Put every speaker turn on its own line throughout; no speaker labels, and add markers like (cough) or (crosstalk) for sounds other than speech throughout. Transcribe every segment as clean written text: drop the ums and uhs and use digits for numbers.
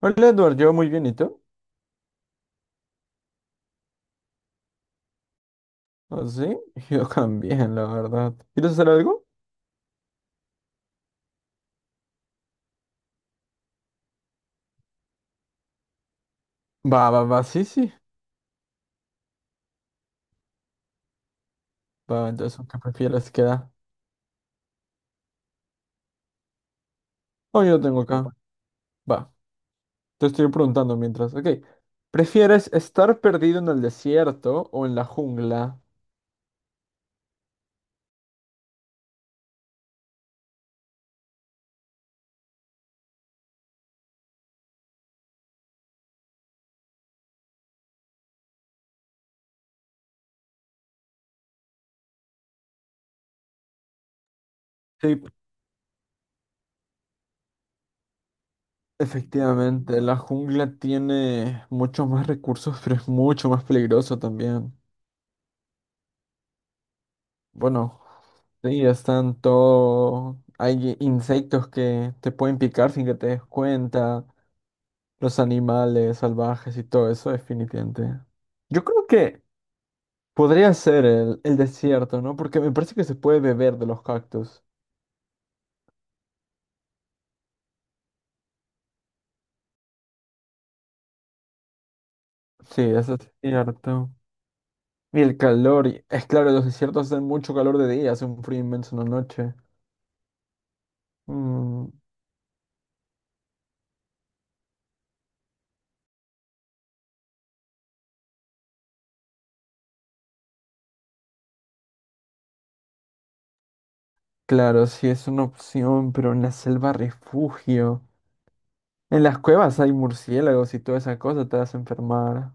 Hola Edward, yo muy bien, ¿y tú? ¿Ah, sí? (laughs) Yo también, la verdad. ¿Quieres hacer algo? Va, va, va, sí, sí. Va, entonces, ¿qué prefieres que da? Oh, yo lo tengo acá. Va, te estoy preguntando mientras. Ok. ¿Prefieres estar perdido en el desierto o en la jungla? Sí, efectivamente, la jungla tiene muchos más recursos, (laughs) pero es mucho más peligroso también. Bueno, sí, están todo. Hay insectos que te pueden picar sin que te des cuenta. Los animales salvajes y todo eso, definitivamente. Yo creo que podría ser el desierto, ¿no? Porque me parece que se puede beber de los cactus. Sí, eso es cierto. Y el calor, es claro, los desiertos hacen mucho calor de día, hace un frío inmenso en la noche. Mm, claro, sí es una opción, pero en la selva refugio. En las cuevas hay murciélagos y toda esa cosa, te vas a enfermar.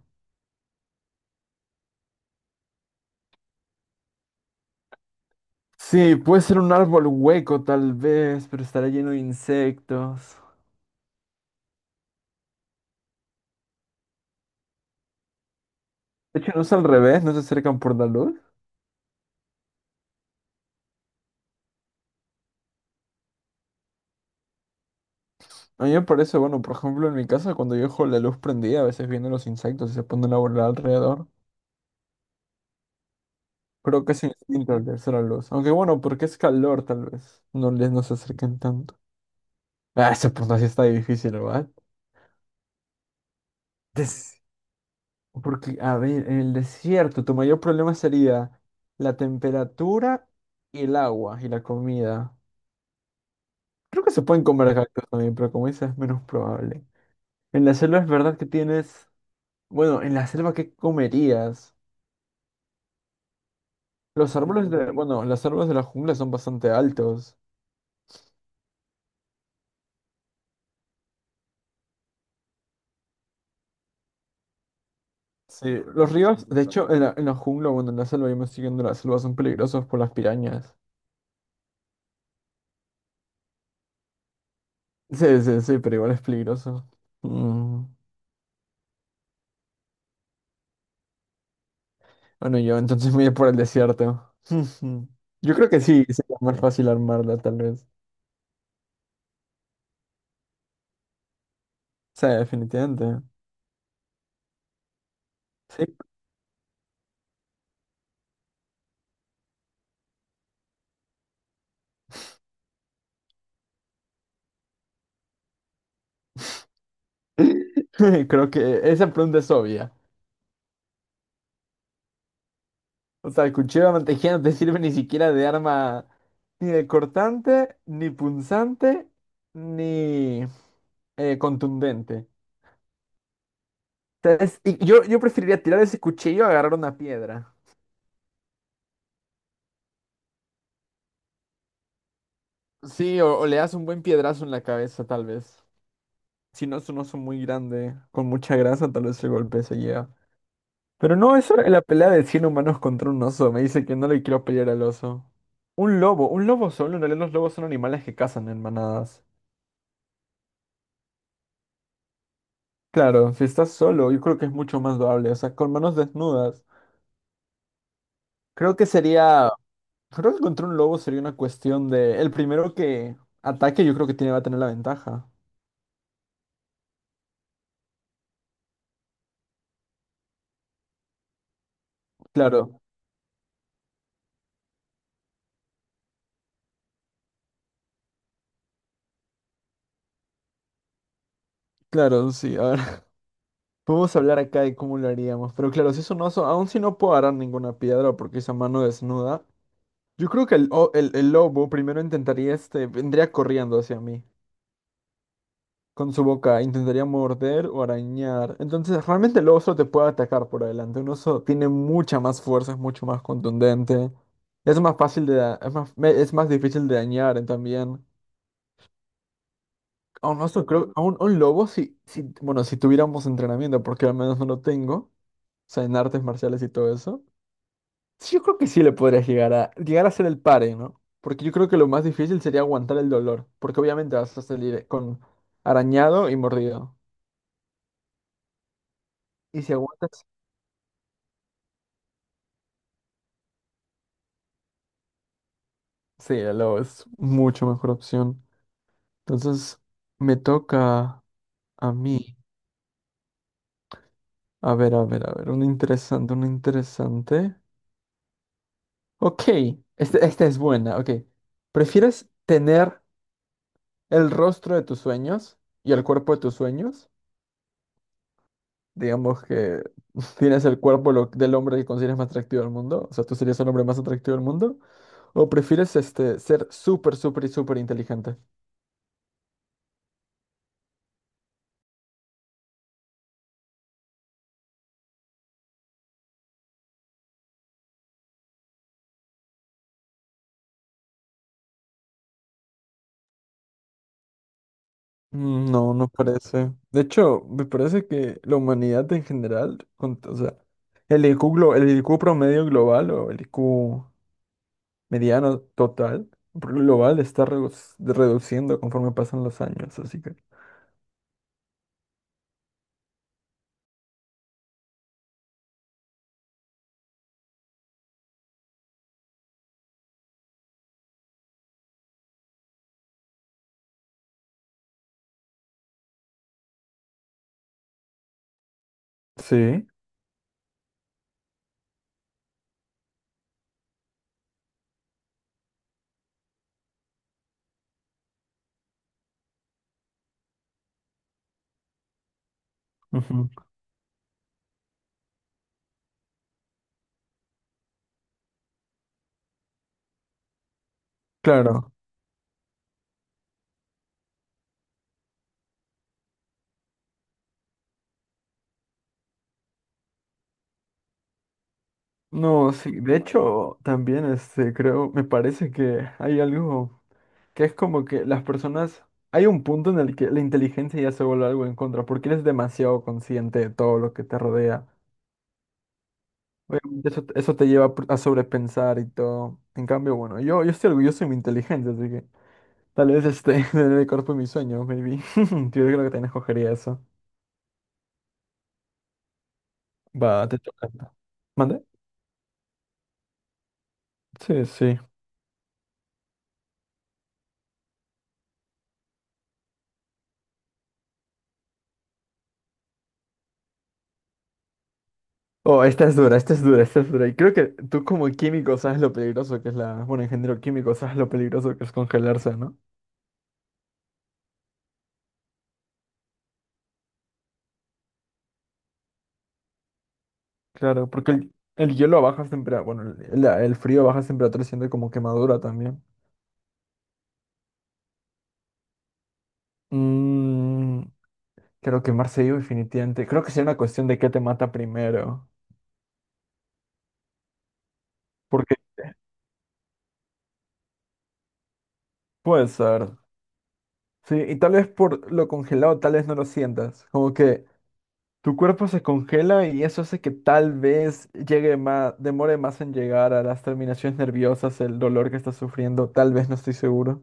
Sí, puede ser un árbol hueco tal vez, pero estará lleno de insectos. De hecho, no es al revés, no se acercan por la luz. A mí me parece, bueno, por ejemplo, en mi casa, cuando yo dejo la luz prendida, a veces vienen los insectos y se ponen a volar alrededor. Creo que es instinto al verse la luz. Aunque bueno, porque es calor, tal vez. No se acerquen tanto. Ah, esa pregunta sí está difícil, ¿verdad? Des- Porque, a ver, en el desierto, tu mayor problema sería la temperatura y el agua y la comida. Creo que se pueden comer cactus también, pero como dices, es menos probable. En la selva es verdad que tienes. Bueno, en la selva, ¿qué comerías? Los árboles de, bueno, los árboles de la jungla son bastante altos. Sí, los ríos, de hecho, en la jungla, bueno, en la selva, yo me estoy yendo a la selva, son peligrosos por las pirañas. Sí, sí, sí, pero igual es peligroso. Mm. Bueno, yo entonces me voy por el desierto. (laughs) Yo creo que sí, sería más fácil armarla, tal vez. Sí, definitivamente. Sí. (laughs) Creo que esa pregunta es obvia. O sea, el cuchillo de mantequilla no te sirve ni siquiera de arma, ni de cortante, ni punzante, ni contundente. O sea, y yo preferiría tirar ese cuchillo a agarrar una piedra. Sí, o le das un buen piedrazo en la cabeza, tal vez. Si no es un oso muy grande, con mucha grasa, tal vez el golpe se lleva. Pero no, eso es la pelea de 100 humanos contra un oso. Me dice que no le quiero pelear al oso. Un lobo solo. En realidad los lobos son animales que cazan en manadas. Claro, si estás solo, yo creo que es mucho más doable, o sea, con manos desnudas. Creo que sería, creo que contra un lobo sería una cuestión de, el primero que ataque yo creo que tiene, va a tener la ventaja. Claro, claro, sí, a ver, (laughs) podemos hablar acá de cómo lo haríamos, pero claro, si es un oso, aún si no puedo agarrar ninguna piedra porque es a mano desnuda, yo creo que el lobo primero intentaría, este, vendría corriendo hacia mí. Con su boca intentaría morder o arañar. Entonces, realmente el oso te puede atacar por adelante. Un oso tiene mucha más fuerza, es mucho más contundente. Es más fácil de, es más, es más difícil de dañar también. A un oso creo, a un lobo si, bueno, si tuviéramos entrenamiento, porque al menos no lo tengo, o sea, en artes marciales y todo eso. Sí, yo creo que sí le podrías llegar a hacer el pare, ¿no? Porque yo creo que lo más difícil sería aguantar el dolor, porque obviamente vas a salir con arañado y mordido. Y si aguantas. Sí, el lobo es mucho mejor opción. Entonces, me toca a mí. A ver, a ver, a ver. Un interesante, un interesante. Ok, esta es buena. Ok. ¿Prefieres tener el rostro de tus sueños y el cuerpo de tus sueños? Digamos que (laughs) tienes el cuerpo del hombre que consideras más atractivo del mundo. O sea, tú serías el hombre más atractivo del mundo. ¿O prefieres este, ser súper, súper y súper inteligente? No, no parece. De hecho, me parece que la humanidad en general, o sea, el IQ, el IQ promedio global o el IQ mediano total global está reduciendo conforme pasan los años, así que. Sí, ujú. Claro. No, sí, de hecho, también este, creo, me parece que hay algo que es como que las personas, hay un punto en el que la inteligencia ya se vuelve algo en contra, porque eres demasiado consciente de todo lo que te rodea. Obviamente eso te lleva a sobrepensar y todo. En cambio, bueno, yo estoy orgulloso de mi inteligencia, así que tal vez este, (laughs) tener el cuerpo de mis sueños, maybe. (laughs) Yo creo que también escogería eso. Va, te toca. ¿Mande? Sí, sí. Oh, esta es dura, esta es dura, esta es dura. Y creo que tú como químico sabes lo peligroso que es la. Bueno, ingeniero químico sabes lo peligroso que es congelarse, ¿no? Claro, porque el hielo a bajas temperaturas. Bueno, el frío a bajas temperaturas siente como quemadura también. Mm, creo que vivo definitivamente. Creo que sería una cuestión de qué te mata primero. Porque puede ser. Sí, y tal vez por lo congelado, tal vez no lo sientas. Como que tu cuerpo se congela y eso hace que tal vez llegue más, demore más en llegar a las terminaciones nerviosas, el dolor que estás sufriendo, tal vez no estoy seguro.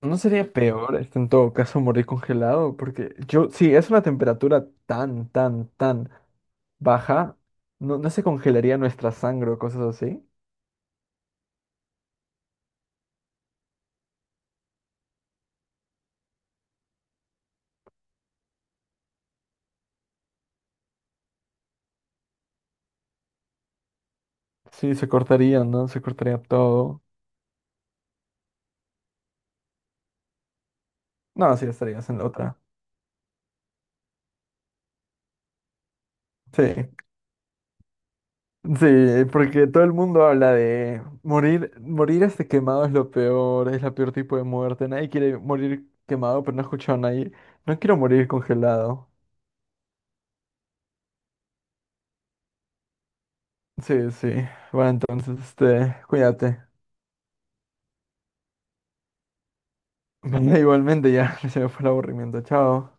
¿No sería peor, este, en todo caso, morir congelado? Porque yo, sí, es una temperatura tan, tan, tan baja, no, no se congelaría nuestra sangre o cosas así. Sí, se cortaría, ¿no? Se cortaría todo. No, sí, estarías en la otra. Sí, sí, porque todo el mundo habla de morir este quemado es lo peor, es la peor tipo de muerte. Nadie quiere morir quemado, pero no he escuchado a nadie. No quiero morir congelado. Sí, sí. Bueno, entonces, este, cuídate. (laughs) Igualmente ya, (laughs) se me fue el aburrimiento. Chao.